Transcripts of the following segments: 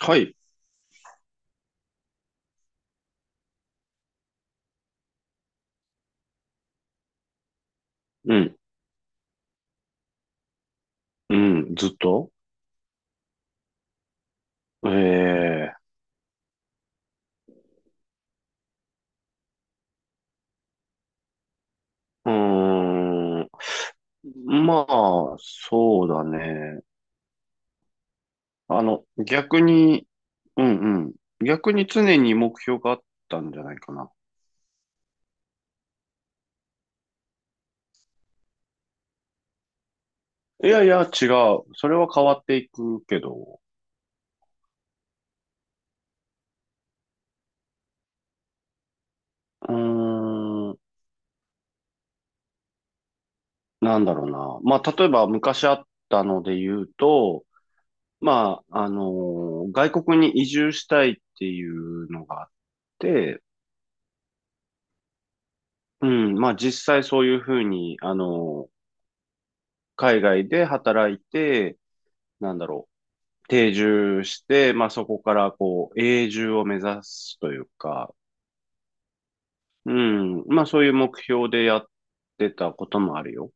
はい。うん。うん。ずっとええうーん。まあ、そうだね。逆に、うんうん。逆に常に目標があったんじゃないかな。いやいや、違う。それは変わっていくけど。うーん。なんだろうな。まあ、例えば昔あったので言うと、まあ、外国に移住したいっていうのがあって、うん、まあ実際そういうふうに、海外で働いて、なんだろう、定住して、まあそこからこう、永住を目指すというか、うん、まあそういう目標でやってたこともあるよ。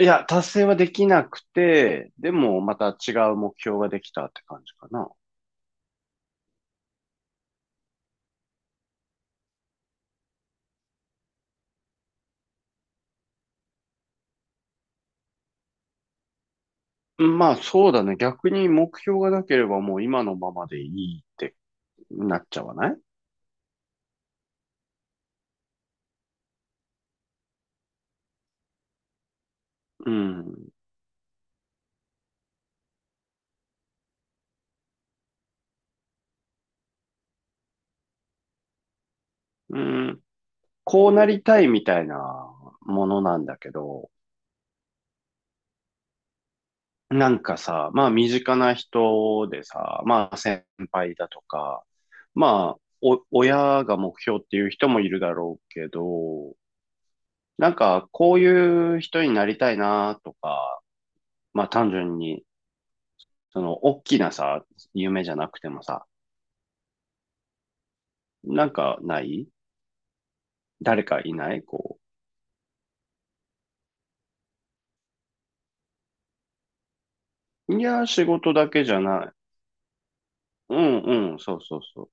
いや、達成はできなくて、でもまた違う目標ができたって感じかな。うん、まあそうだね。逆に目標がなければもう今のままでいいってなっちゃわない？うん。うん。こうなりたいみたいなものなんだけど、なんかさ、まあ身近な人でさ、まあ先輩だとか、まあお親が目標っていう人もいるだろうけど、なんかこういう人になりたいなとか、まあ単純に、その大きなさ、夢じゃなくてもさ、なんかない誰かいないこう。いや、仕事だけじゃない。うんうん、そうそうそう。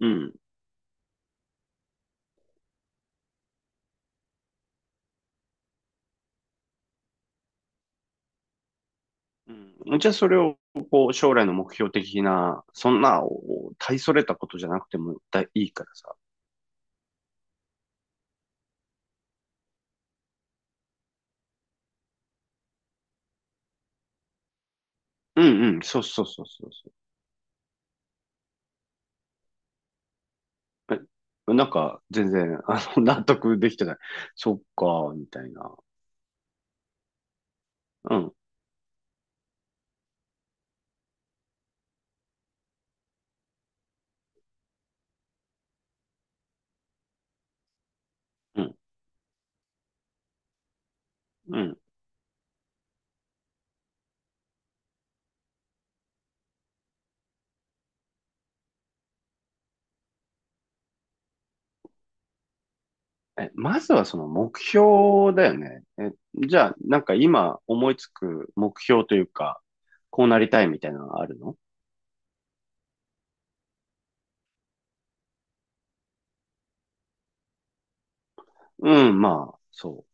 うん。うんじゃあそれをこう将来の目標的な、そんなお大それたことじゃなくてもだいいからさ。うんうん、そうそうそうそうそう。え、なんか全然納得できてない。そっか、みたいな。うん、うん、うん。え、まずはその目標だよね。え、じゃあなんか今思いつく目標というか、こうなりたいみたいなのはあるの？うん、まあ、そ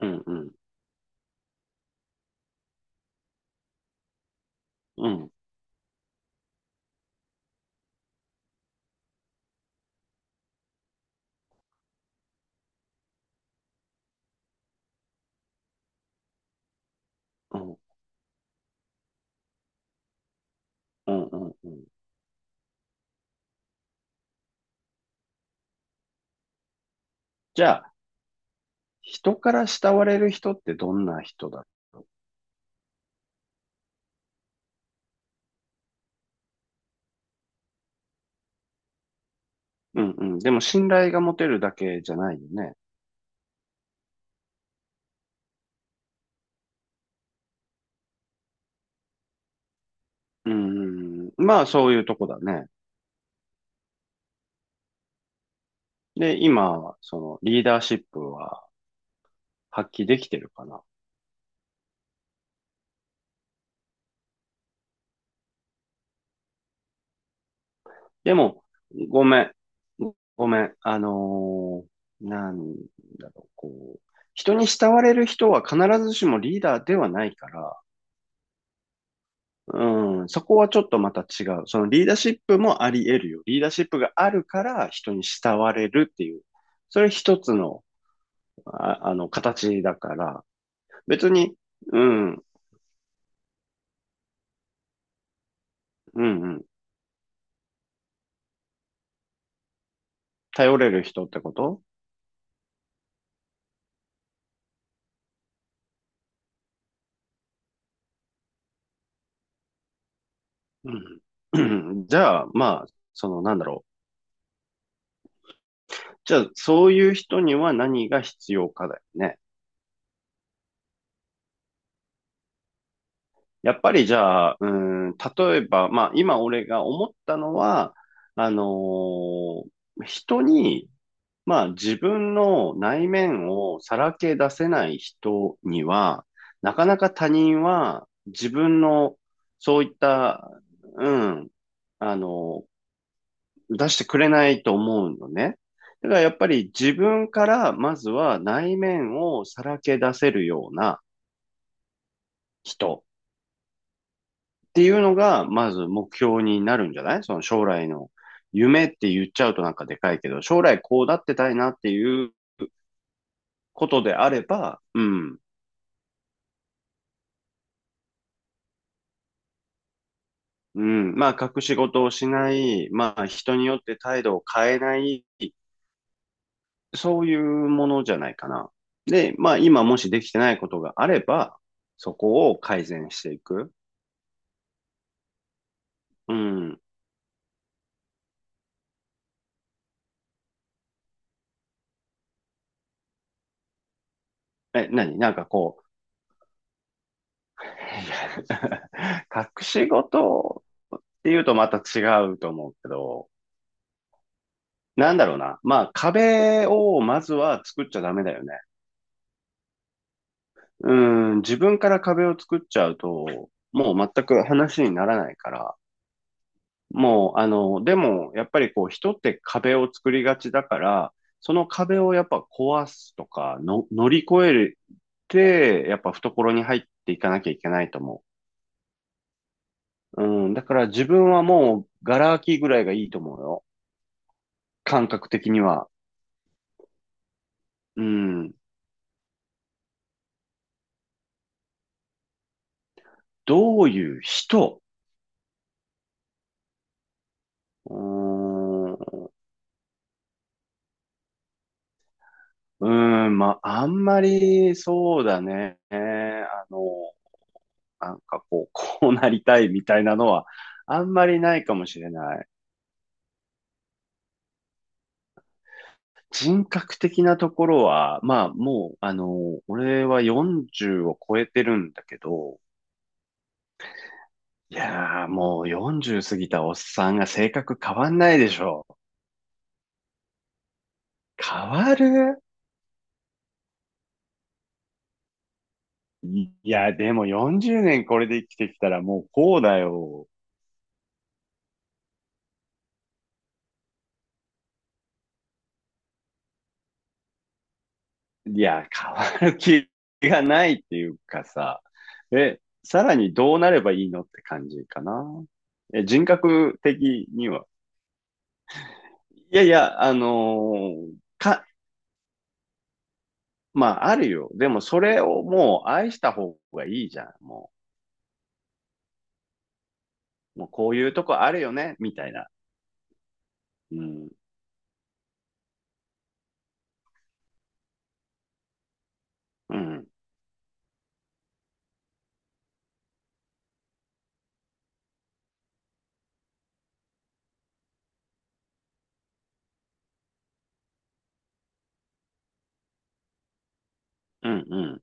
う。うん、うん、うん、うん、うん、うん。うん、じゃ人から慕われる人ってどんな人だろう？うんうん。でも信頼が持てるだけじゃないよね。うんうん。まあそういうとこだね。で、今、そのリーダーシップは発揮できてるかな。でも、ごめん。ごめん。なんだろう、こう。人に慕われる人は必ずしもリーダーではないから、うん、そこはちょっとまた違う。そのリーダーシップもあり得るよ。リーダーシップがあるから人に慕われるっていう。それ一つの、形だから。別に、うん、うん、うん。頼れる人ってこと？うん。じゃあ、まあ、その、なんだろう。じゃあ、そういう人には何が必要かだよね。やっぱりじゃあ、うん、例えば、まあ、今俺が思ったのは、あのー人にまあ自分の内面をさらけ出せない人には、なかなか他人は自分のそういった、うん、あの、出してくれないと思うのね。だからやっぱり自分からまずは内面をさらけ出せるような人っていうのがまず目標になるんじゃない？その将来の夢って言っちゃうとなんかでかいけど、将来こうなってたいなっていうことであれば、うん、うん。まあ、隠し事をしない。まあ、人によって態度を変えない。そういうものじゃないかな。で、まあ、今もしできてないことがあれば、そこを改善していく。うん。え、何なんかこう、隠し事っていうとまた違うと思うけど、なんだろうな。まあ、壁をまずは作っちゃダメだよね。うん。自分から壁を作っちゃうと、もう全く話にならないから、もう、でも、やっぱりこう、人って壁を作りがちだから、その壁をやっぱ壊すとか、の、乗り越えるって、やっぱ懐に入っていかなきゃいけないと思う。うん、だから自分はもう、ガラ空きぐらいがいいと思うよ。感覚的には。うん、どういう人？うーん、うーん、まあ、あんまり、そうだね。なんかこう、こうなりたいみたいなのは、あんまりないかもしれない。人格的なところは、まあもう、俺は40を超えてるんだけど、いやー、もう40過ぎたおっさんが性格変わんないでしょ。変わる？いや、でも40年これで生きてきたらもうこうだよ。いや、変わる気がないっていうかさ。え、さらにどうなればいいのって感じかな。え、人格的には。いやいや、あのーか、まあ、あるよ。でも、それをもう愛した方がいいじゃん。もう、もうこういうとこあるよね、みたいな。うん、うん、うん、うん。